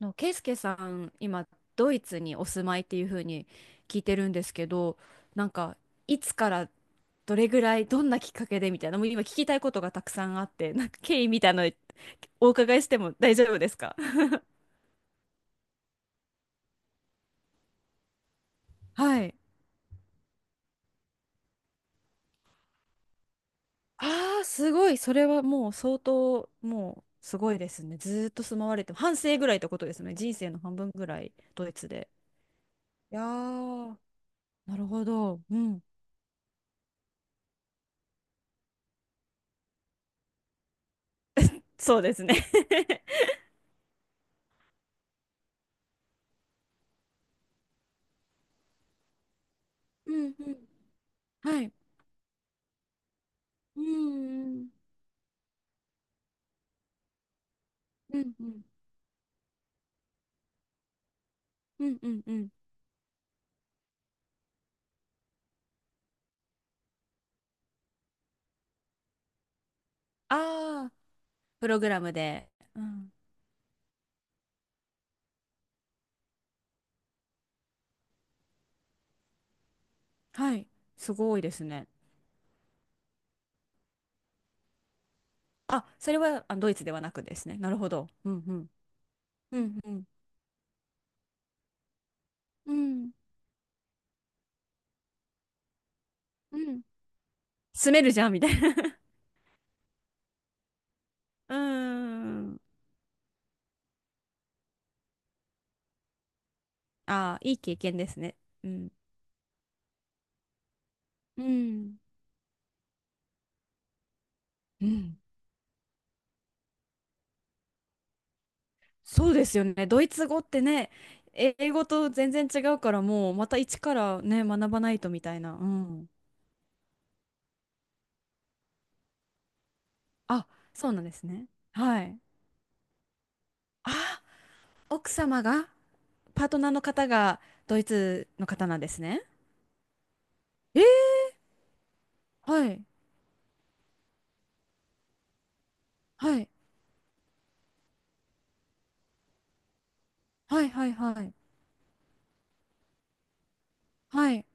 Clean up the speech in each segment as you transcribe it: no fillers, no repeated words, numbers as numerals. の、ケイスケさん、今、ドイツにお住まいっていうふうに聞いてるんですけど、なんか、いつからどれぐらい、どんなきっかけでみたいな、もう今聞きたいことがたくさんあって、なんか経緯みたいなのお伺いしても大丈夫ですか？はい。ああ、すごい。それはもう相当、もうすごいですね。ずーっと住まわれて、半生ぐらいってことですね。人生の半分ぐらい、ドイツで。いやー、なるほど。うん。そうですね。 うんうん。はい。うんうんうんうんうんうんうん。ああー、プログラムで。うん。はい。すごいですね。あ、それはあドイツではなくですね。なるほど。うんうん。うんうん。うんうん。住めるじゃん、みたいな。うーん。ああ、いい経験ですね。うん。うん。うん。そうですよね。ドイツ語ってね、英語と全然違うから、もうまた一からね、学ばないとみたいな。うん。あ、そうなんですね。はい。あ、奥様が。パートナーの方がドイツの方なんですね。えー、はい。はい。はいはいはい。はい。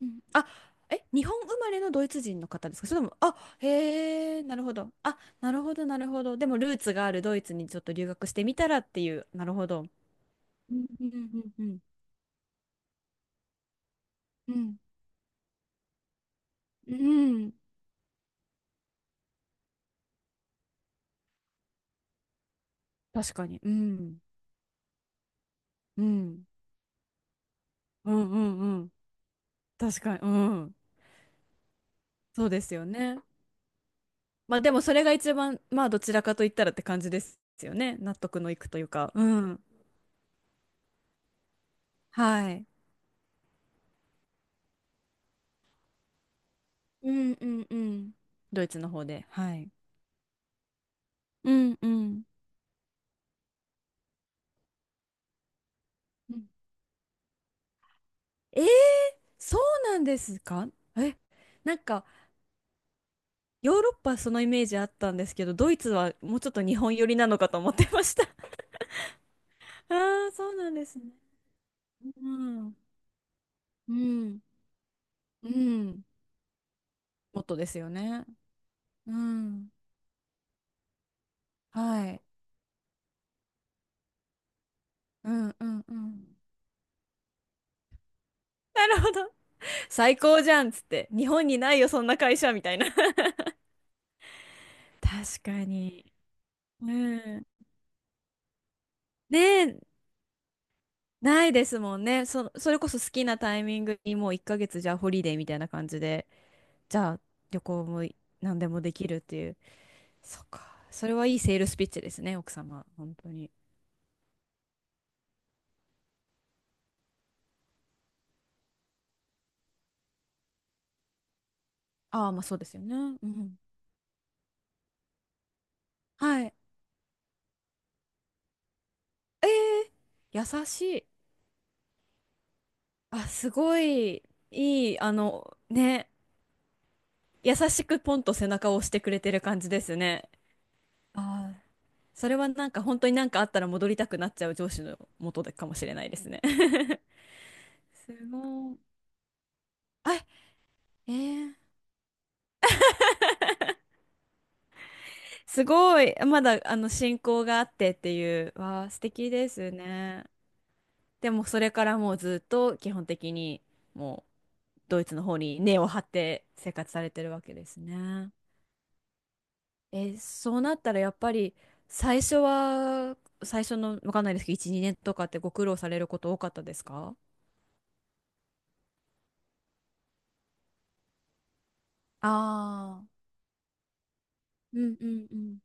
うん、あ、え、日本生まれのドイツ人の方ですか？それとも、あ、へえ、なるほど。あ、なるほど、なるほど。でも、ルーツがあるドイツにちょっと留学してみたらっていう、なるほど。うんうんうんうんうん。うん。確かに。うん。うん。うんうんうん。確かに。うん。そうですよね。まあでもそれが一番、まあどちらかと言ったらって感じですよね。納得のいくというか。うん。はい。うんうんうん。ドイツの方で。はい。うんうんうん。えー、そうなんですか？え、なんかヨーロッパそのイメージあったんですけど、ドイツはもうちょっと日本寄りなのかと思ってました。ああ、そうなんですね。うん。うん。うん。もっとですよね。うん。はい。うんうんうん。なるほど。最高じゃんっつって、日本にないよ、そんな会社みたいな。確かに。うん。ねえ、ないですもんね。そ、それこそ好きなタイミングにもう1ヶ月じゃあホリデーみたいな感じで、じゃあ旅行もい何でもできるっていう。そっか。それはいいセールスピッチですね、奥様。本当に。ああ、まあそうですよね。うん。はい。えー、優しい。あ、すごい、いい、あの、ね、優しくポンと背中を押してくれてる感じですね。あー、それはなんか本当になんかあったら戻りたくなっちゃう上司の元でかもしれないですね。すごい。あ、えー、すごい。まだあの進行があってっていう、わあ、素敵ですね。でもそれからもうずっと基本的にもうドイツの方に根を張って生活されてるわけですね。え、そうなったらやっぱり最初は、最初のわかんないですけど、1、2年とかってご苦労されること多かったですか？ああー、うんうんうん。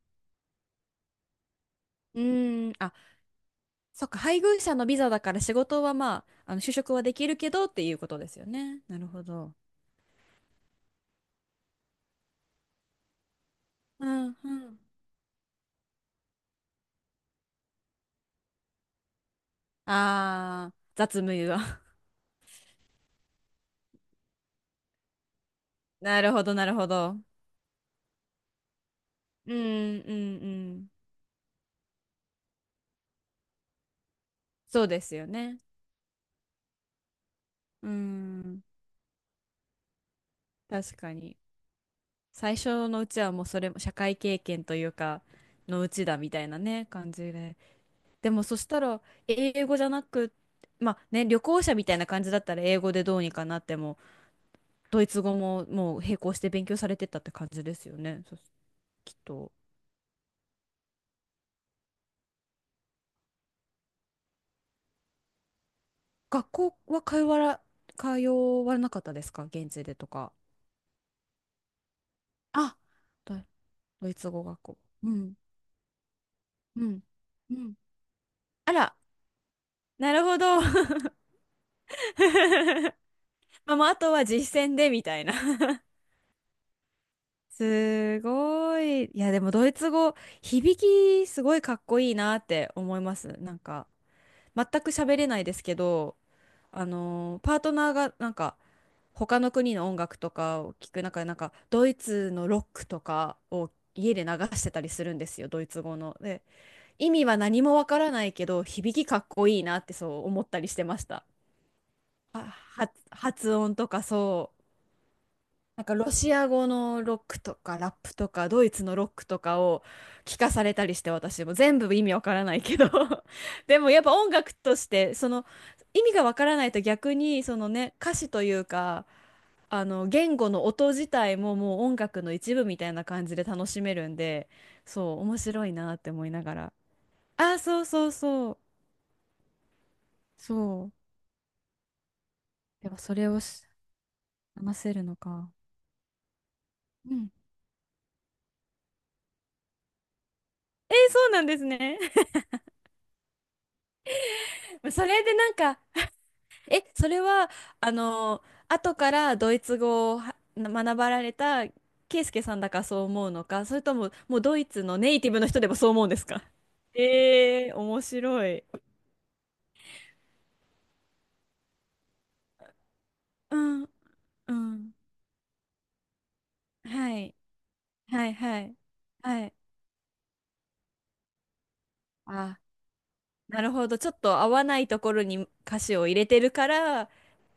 うーん、あ、そっか、配偶者のビザだから仕事はまあ、あの就職はできるけどっていうことですよね。なるほど。うんうん。ああ、雑務言うわ。なるほど、なるほど。うんうんうん。そうですよね。うん、確かに。最初のうちはもうそれも社会経験というか、のうちだみたいなね、感じで。でもそしたら、英語じゃなく、まあね、旅行者みたいな感じだったら英語でどうにかなっても、ドイツ語ももう並行して勉強されてたって感じですよね。そ、きっと。学校は通わら、通わなかったですか現地でとか。あ、ド、ドイツ語学校。うん、うん、うん。あら、なるほど。まあ、もうあとは実践でみたいな。 すごい。いや、でもドイツ語、響きすごいかっこいいなって思います。全く喋れないですけど、あのーパートナーがなんか他の国の音楽とかを聞く中でなんかドイツのロックとかを家で流してたりするんですよ、ドイツ語の。で、意味は何もわからないけど響きかっこいいなってそう思ったりしてました。あ、は発音とかそう。なんかロシア語のロックとかラップとかドイツのロックとかを聞かされたりして私も全部意味わからないけど、 でもやっぱ音楽としてその意味がわからないと逆にそのね歌詞というか、あの言語の音自体ももう音楽の一部みたいな感じで楽しめるんで、そう面白いなって思いながら。あー、そうそうそうそう。でもそれをし話せるのか？うん、えー、そうなんですね。 それでなんか、え、それは、あの、後からドイツ語をは学ばれたケイスケさんだからそう思うのか、それとも、もうドイツのネイティブの人でもそう思うんですか？えー、面白い。うん、うん。はい、はい、はい、はい。あ、なるほど。ちょっと合わないところに歌詞を入れてるから、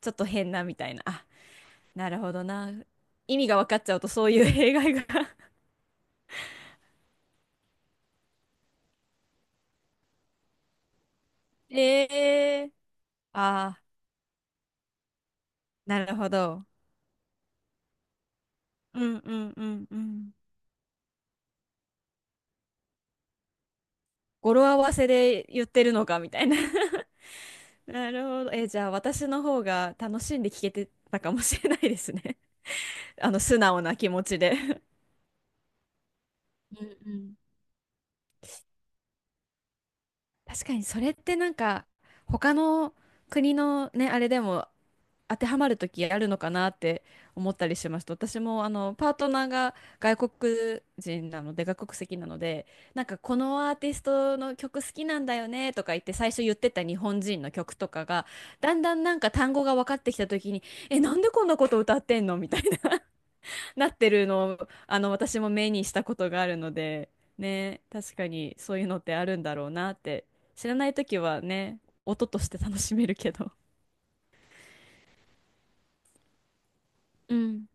ちょっと変なみたいな。あ、なるほどな。意味が分かっちゃうとそういう 弊害が。 えー、あー、なるほど。うんうんうんうん。語呂合わせで言ってるのかみたいな。 なるほど。え、じゃあ私の方が楽しんで聞けてたかもしれないですね。あの素直な気持ちで。うんうん。確かにそれってなんか他の国のね、あれでも当てはまる時あるのかなって思ったりしました。私もあのパートナーが外国人なので外国籍なので、なんかこのアーティストの曲好きなんだよねとか言って最初言ってた日本人の曲とかがだんだんなんか単語が分かってきた時に、えなんでこんなこと歌ってんのみたいな なってるのをあの私も目にしたことがあるので、ね、確かにそういうのってあるんだろうなって。知らない時はね、音として楽しめるけど。うん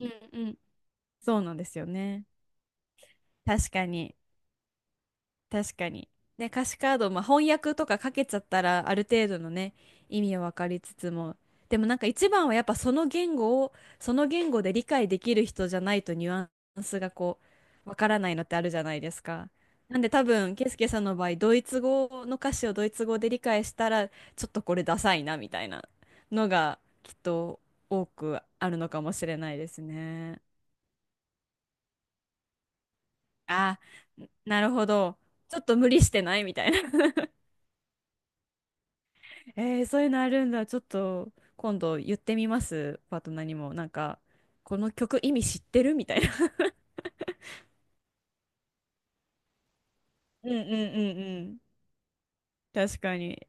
うんうん。そうなんですよね。確かに、確かに。ね、歌詞カード、まあ、翻訳とかかけちゃったら、ある程度のね、意味を分かりつつも、でもなんか一番はやっぱその言語を、その言語で理解できる人じゃないとニュアンスがこう、分からないのってあるじゃないですか。なんで多分、ケイスケさんの場合、ドイツ語の歌詞をドイツ語で理解したら、ちょっとこれダサいな、みたいなのが、きっと多くあるのかもしれないですね。あ、なるほど。ちょっと無理してないみたいな。 えー、そういうのあるんだ。ちょっと今度言ってみます。パートナーにも。この曲意味知ってるみたいな。うんうんうんうん。確かに。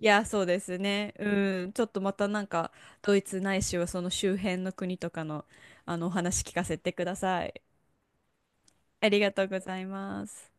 いや、そうですね。うん。ちょっとまたなんか、ドイツないしはその周辺の国とかの、あの、お話聞かせてください。ありがとうございます。